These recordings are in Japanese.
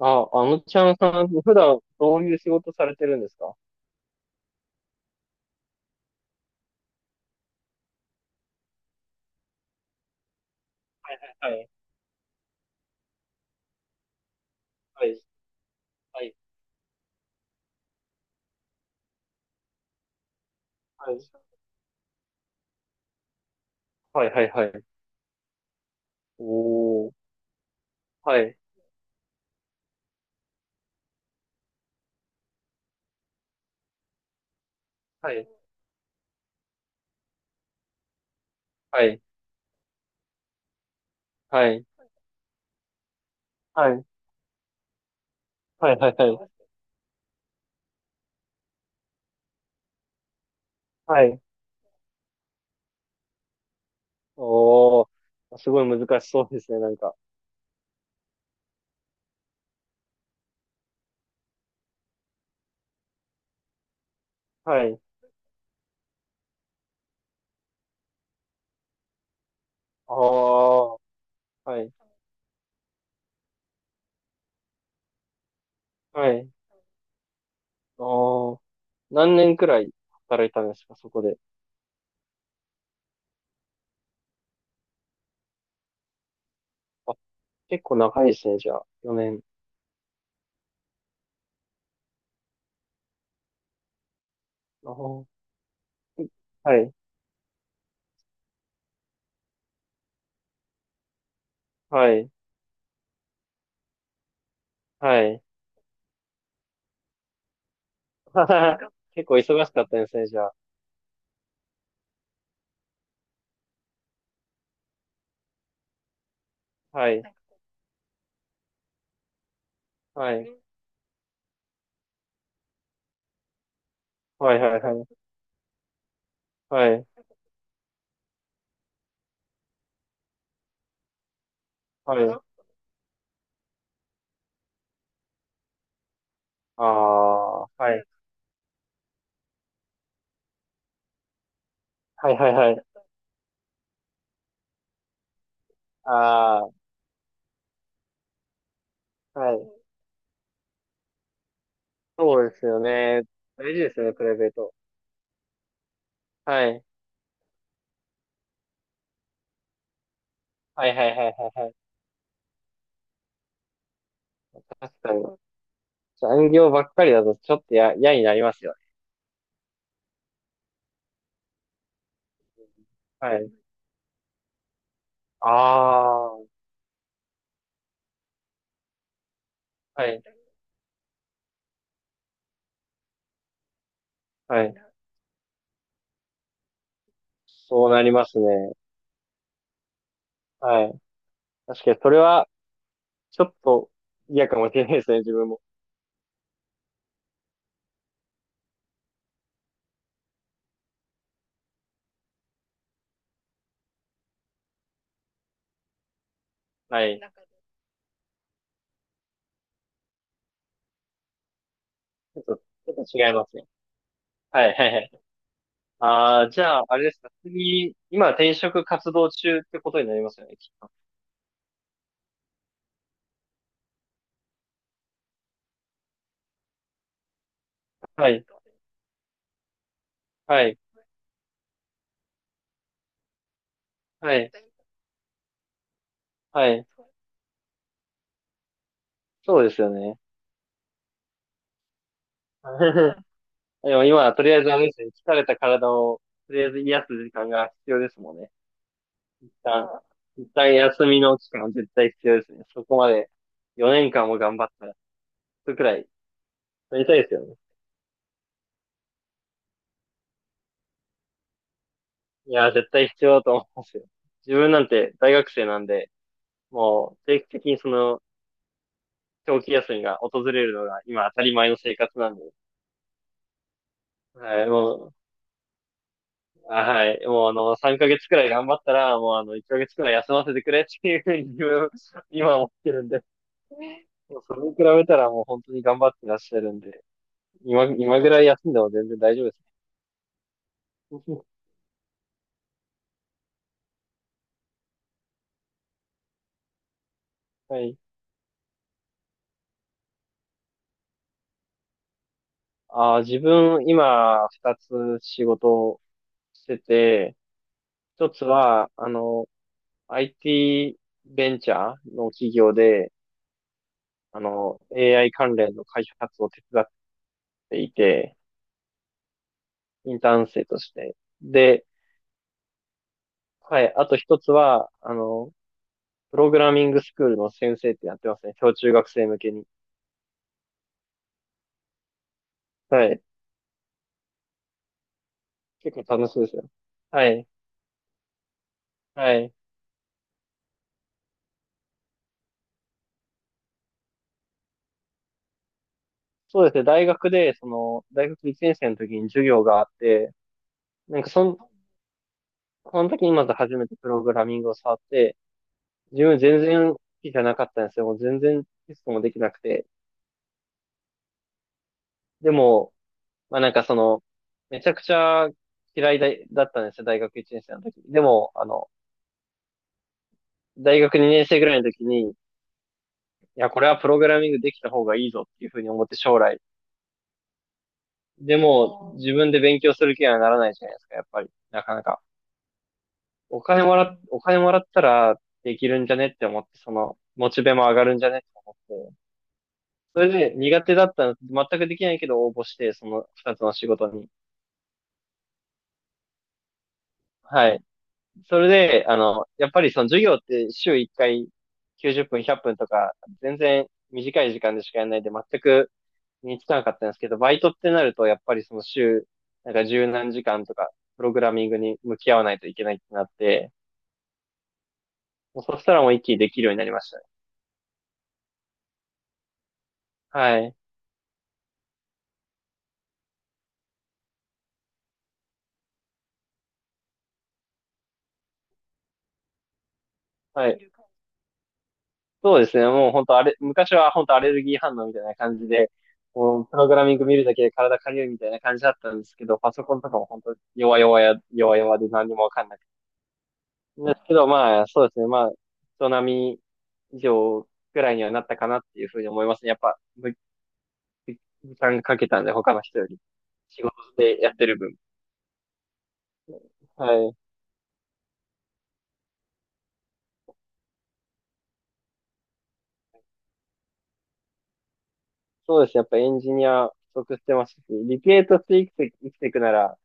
あ、あのちゃんさん、普段どういう仕事されてるんですか？はい、はい、はい、はい、はい、はい、はい、はい。はい。おー、はい、はい、はい、はい、はい、はい、はい、はい、はい。おー、すごい難しそうですね、なんか。はい。ああ、はい、はい。ああ、何年くらい働いたんですか、そこで？あ、結構長いですね、じゃあ、4年。あー、はい、はい、はい。結構忙しかったですね、じゃあ。はい。はい。ね。はい、はい、はい。はい。はい。ああ、はい。はい、はい、はい。ああ、はい。そうですよね。大事ですよね、プライベート。はい。はい、はい、はい、はい、はい。確かに。残業ばっかりだとちょっと嫌になりますよね。はい。ああ、はい。はい。そうなりますね。はい。確かに、それは、ちょっと嫌かもしれないですね、自分も。はい。ちょっと違いますね。はい、はい、はい。ああ、じゃあ、あれですか。次、今転職活動中ってことになりますよね、きっと。はい。はい。はい。はい。そうですよね。でも今、とりあえずあれですね。疲れた体を、とりあえず癒す時間が必要ですもんね。一旦、一旦休みの期間は絶対必要ですね。そこまで4年間も頑張ったら、それくらい取りたいですよね。いやー、絶対必要だと思いますよ。自分なんて大学生なんで、もう定期的にその長期休みが訪れるのが今当たり前の生活なんで。はい、もう、あ、はい、もう3ヶ月くらい頑張ったら、もう1ヶ月くらい休ませてくれっていうふうに 今思ってるんで、もうそれに比べたらもう本当に頑張ってらっしゃるんで、今ぐらい休んでも全然大丈夫ですね。はい。あー、自分、今、二つ仕事をしてて、一つは、IT ベンチャーの企業で、AI 関連の開発を手伝っていて、インターン生として。で、はい、あと一つは、あの、プログラミングスクールの先生ってやってますね。小中学生向けに。はい。結構楽しいですよ。はい。はい。そうですね。大学で、大学1年生の時に授業があって、なんかその時にまず初めてプログラミングを触って、自分全然好きじゃなかったんですよ。もう全然テストもできなくて。でも、まあなんかその、めちゃくちゃ嫌いだ、だったんですよ。大学1年生の時。でも、あの、大学2年生ぐらいの時に、いや、これはプログラミングできた方がいいぞっていうふうに思って将来。でも、自分で勉強する気にはならないじゃないですか、やっぱり。なかなか。お金もらったらできるんじゃねって思って、その、モチベも上がるんじゃねって思って。それで苦手だったの、全くできないけど応募して、その二つの仕事に。はい。それで、あの、やっぱりその授業って週1回90分、100分とか、全然短い時間でしかやらないで、全くにつかなかったんですけど、バイトってなると、やっぱりその週、なんか十何時間とか、プログラミングに向き合わないといけないってなって、もうそしたらもう一気にできるようになりましたね。はい。はい。そうですね。もう本当あれ、昔は本当アレルギー反応みたいな感じで、もうプログラミング見るだけで体かゆいみたいな感じだったんですけど、パソコンとかも本当弱々で何にもわかんなくて。ですけど、まあ、そうですね。まあ、人並み以上くらいにはなったかなっていうふうに思いますね。やっぱ、ぶ時間かけたんで、他の人より。仕事でやってる分。はい。そうですね。やっぱエンジニア不足してますし、理系として生きていくなら、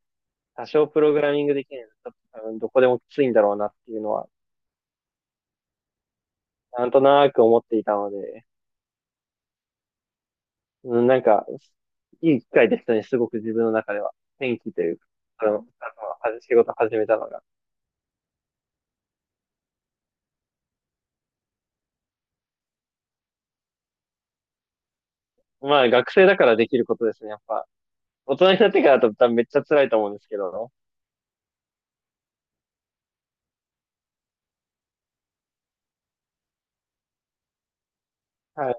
多少プログラミングできないと、多分どこでもきついんだろうなっていうのは、なんとなく思っていたので、うん、なんか、いい機会でしたね。すごく自分の中では。転機というか、あのは仕事始めたのが。まあ、学生だからできることですね。やっぱ、大人になってからだと多分めっちゃ辛いと思うんですけど、はい。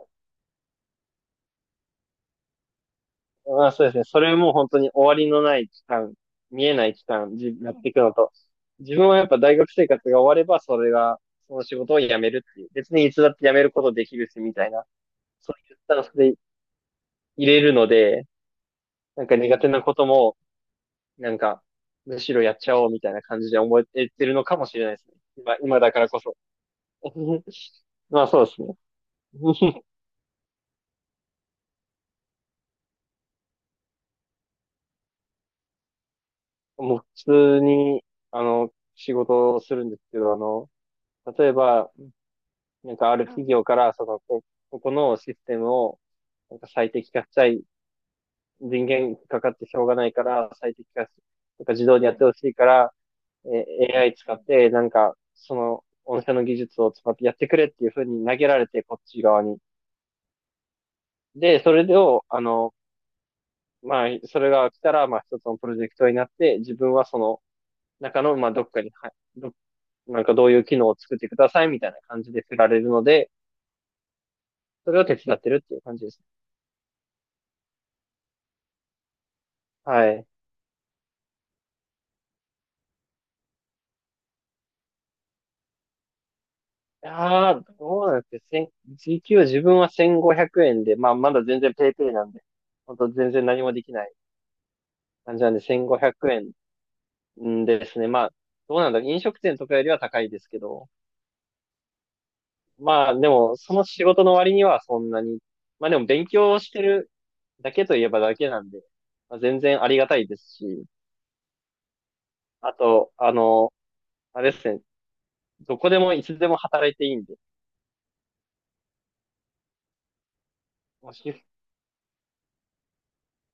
まあそうですね。それも本当に終わりのない期間、見えない期間、やっていくのと、自分はやっぱ大学生活が終われば、それが、その仕事を辞めるっていう。別にいつだって辞めることできるし、みたいな。そういうスタンスで入れるので、なんか苦手なことも、なんか、むしろやっちゃおうみたいな感じで思えてるのかもしれないですね。今、だからこそ。まあそうですね。もう普通に、あの、仕事をするんですけど、あの、例えば、なんかある企業から、その、ここのシステムを、なんか最適化したい。人間かかってしょうがないから、最適化し、なんか自動でやってほしいから、えAI 使って、なんか、その、御社の技術を使ってやってくれっていうふうに投げられて、こっち側に。で、それを、あの、まあ、それが来たら、まあ、一つのプロジェクトになって、自分はその中の、まあ、どっかに、はい、なんかどういう機能を作ってくださいみたいな感じで振られるので、それを手伝ってるっていう感じですね。はい。ああ、どうなんですか。時給は自分は1500円で、まあまだ全然ペイペイなんで、本当全然何もできない感じなんで1500円ですね。まあ、どうなんだろう。飲食店とかよりは高いですけど、まあでもその仕事の割にはそんなに、まあでも勉強してるだけといえばだけなんで、まあ、全然ありがたいですし、あと、あの、あれですね、どこでもいつでも働いていいんで、もうシフト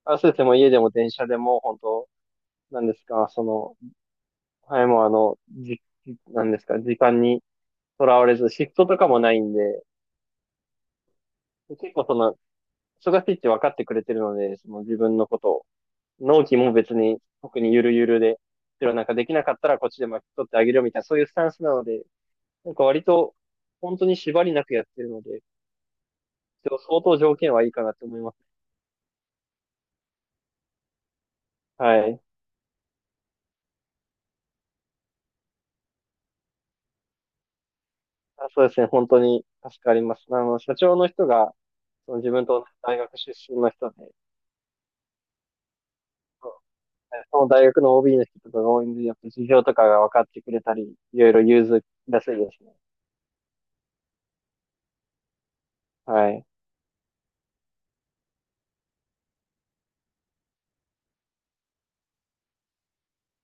合わせても家でも電車でも本当、なんですか、その、はい、もうあの、じ、なんですか、時間にとらわれず、シフトとかもないんで、結構その、忙しいって分かってくれてるので、その自分のことを、納期も別に特にゆるゆるで、でもなんかできなかったらこっちで巻き取ってあげるよみたいな、そういうスタンスなので、なんか割と、本当に縛りなくやってるので、でも相当条件はいいかなと思います。はい。あ、そうですね、本当に助かります。あの、社長の人が、その自分と同じ大学出身の人で、ね、その大学の OB の人とかが応援で、やっぱ事情とかが分かってくれたり、いろいろ融通らしいですね。はい。